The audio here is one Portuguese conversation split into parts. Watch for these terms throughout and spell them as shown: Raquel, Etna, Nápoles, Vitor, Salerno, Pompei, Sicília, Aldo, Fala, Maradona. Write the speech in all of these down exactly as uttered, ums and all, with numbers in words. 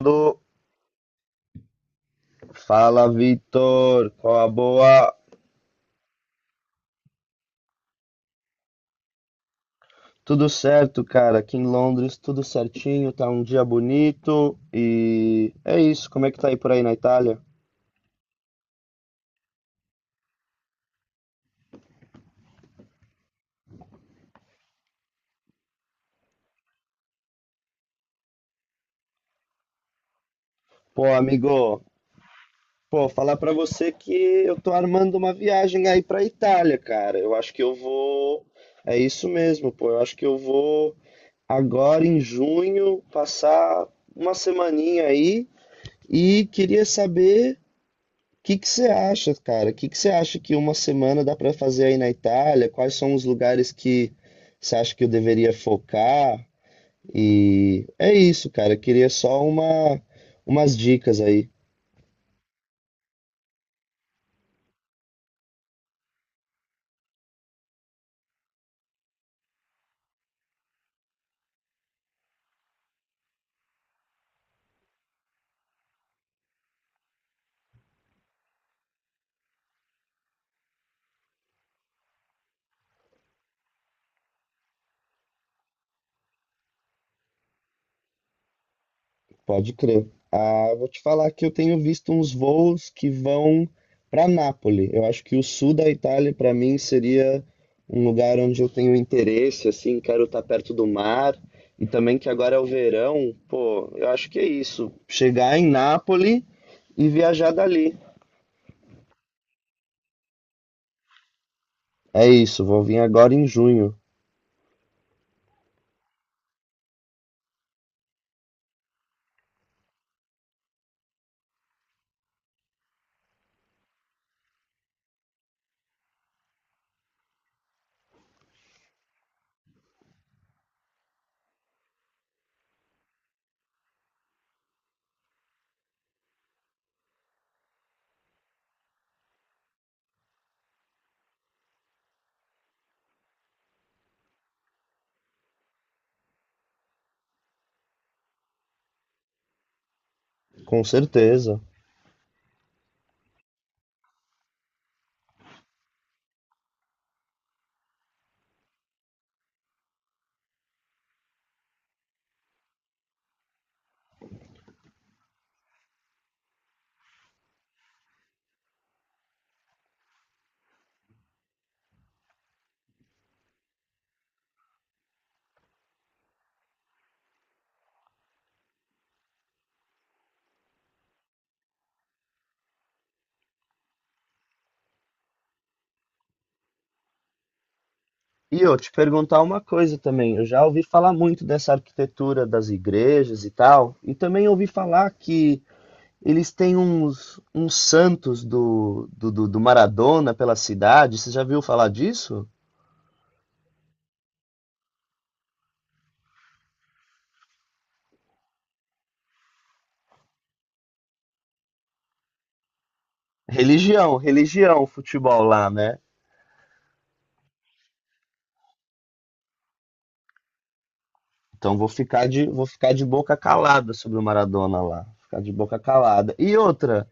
Aldo. Fala, Vitor. Qual a boa? Tudo certo, cara. Aqui em Londres, tudo certinho. Tá um dia bonito e é isso. Como é que tá aí por aí na Itália? Pô, amigo, pô, falar pra você que eu tô armando uma viagem aí pra Itália, cara. Eu acho que eu vou. É isso mesmo, pô. Eu acho que eu vou agora em junho passar uma semaninha aí e queria saber. que que você acha, cara? O que que você acha que uma semana dá para fazer aí na Itália? Quais são os lugares que você acha que eu deveria focar? E é isso, cara. Eu queria só uma, umas dicas aí. Pode crer. Ah, vou te falar que eu tenho visto uns voos que vão para Nápoles. Eu acho que o sul da Itália, para mim, seria um lugar onde eu tenho interesse, assim, quero estar perto do mar. E também que agora é o verão, pô, eu acho que é isso. Chegar em Nápoles e viajar dali. É isso, vou vir agora em junho, com certeza. E eu te perguntar uma coisa também. Eu já ouvi falar muito dessa arquitetura das igrejas e tal, e também ouvi falar que eles têm uns, uns santos do, do, do do Maradona pela cidade. Você já viu falar disso? Religião, religião, futebol lá, né? Então vou ficar de, vou ficar de boca calada sobre o Maradona lá. Ficar de boca calada. E outra.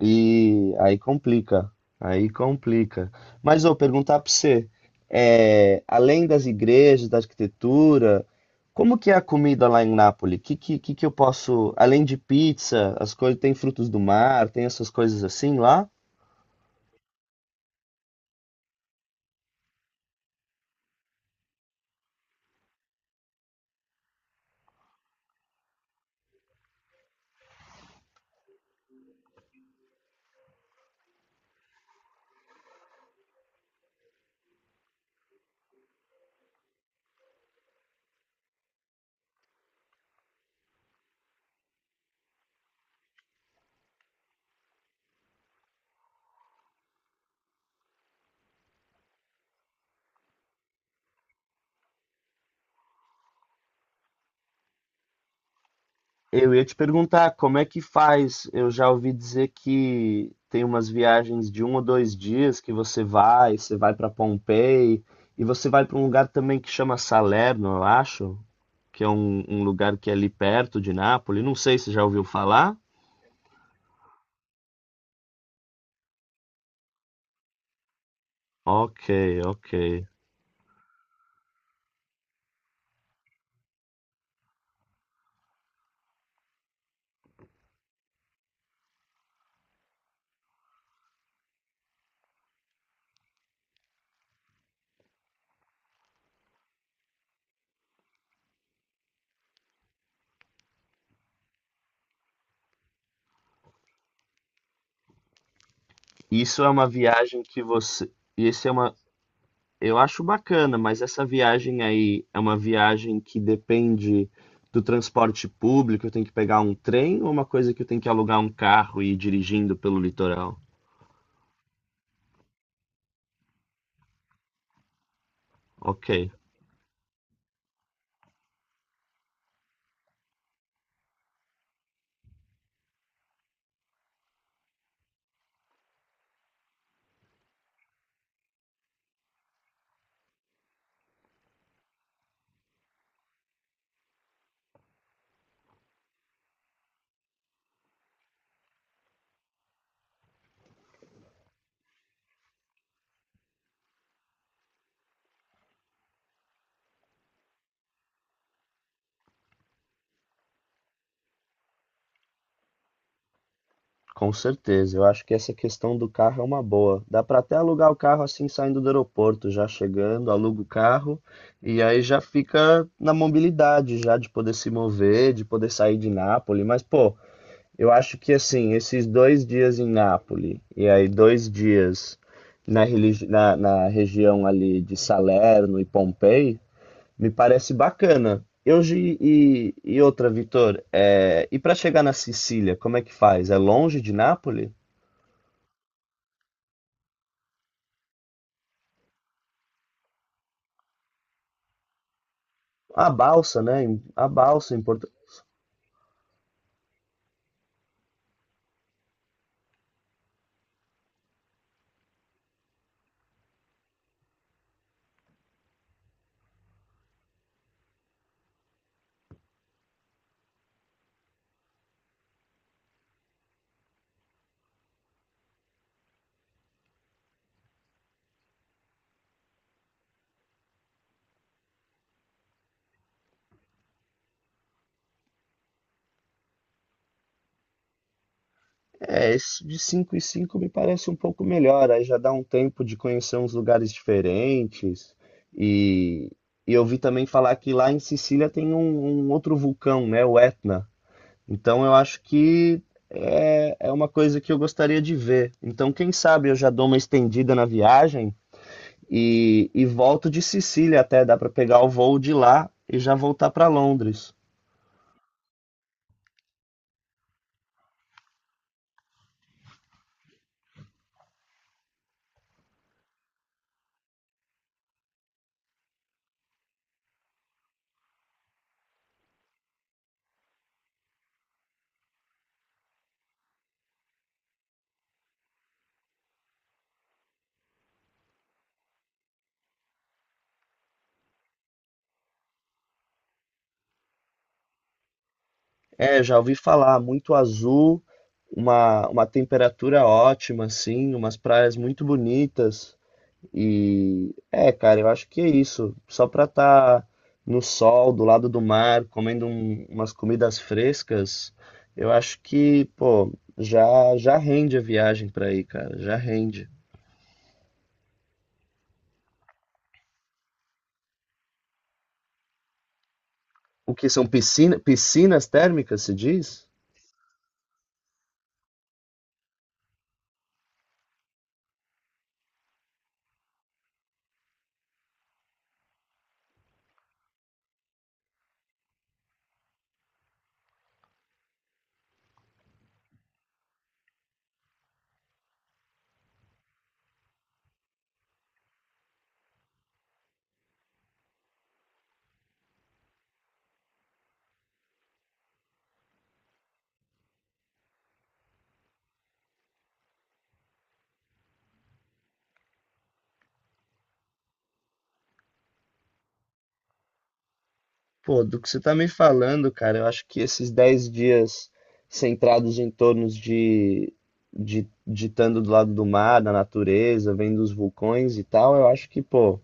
E aí complica, aí complica. Mas vou perguntar para você, é, além das igrejas, da arquitetura, como que é a comida lá em Nápoles? Que, que que que eu posso, além de pizza, as coisas tem frutos do mar, tem essas coisas assim lá? Eu ia te perguntar como é que faz. Eu já ouvi dizer que tem umas viagens de um ou dois dias que você vai, você vai para Pompei e você vai para um lugar também que chama Salerno, eu acho. Que é um, um lugar que é ali perto de Nápoles. Não sei se você já ouviu falar. Ok, ok. Isso é uma viagem que você. Esse é uma. Eu acho bacana, mas essa viagem aí é uma viagem que depende do transporte público. Eu tenho que pegar um trem ou uma coisa que eu tenho que alugar um carro e ir dirigindo pelo litoral? Ok. Com certeza, eu acho que essa questão do carro é uma boa. Dá para até alugar o carro assim saindo do aeroporto, já chegando, aluga o carro e aí já fica na mobilidade, já de poder se mover, de poder sair de Nápoles. Mas pô, eu acho que assim, esses dois dias em Nápoles e aí dois dias na, religi- na, na região ali de Salerno e Pompei me parece bacana. E hoje e, e outra, Vitor, é, e para chegar na Sicília, como é que faz? É longe de Nápoles? A balsa, né? Em- A balsa em Porto. É, isso de cinco e cinco me parece um pouco melhor. Aí já dá um tempo de conhecer uns lugares diferentes. E, e eu vi também falar que lá em Sicília tem um, um outro vulcão, né? O Etna. Então eu acho que é, é uma coisa que eu gostaria de ver. Então, quem sabe eu já dou uma estendida na viagem. E, e volto de Sicília até, dá para pegar o voo de lá e já voltar para Londres. É, já ouvi falar, muito azul, uma, uma temperatura ótima, assim, umas praias muito bonitas. E é, cara, eu acho que é isso. Só pra estar no sol, do lado do mar, comendo um- umas comidas frescas, eu acho que, pô, já já rende a viagem pra aí, cara, já rende. O que são piscina, piscinas térmicas, se diz? Pô, do que você tá me falando, cara, eu acho que esses dez dias centrados em torno de, de, de estando do lado do mar, da natureza, vendo os vulcões e tal, eu acho que, pô,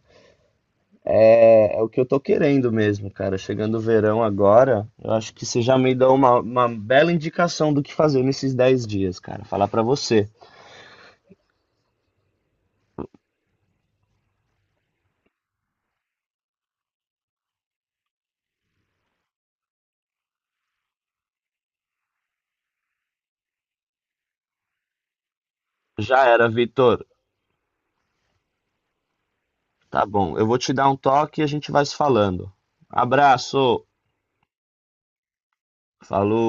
é, é o que eu tô querendo mesmo, cara. Chegando o verão agora, eu acho que você já me deu uma, uma bela indicação do que fazer nesses dez dias, cara. Falar pra você. Já era, Vitor. Tá bom, eu vou te dar um toque e a gente vai se falando. Abraço, falou.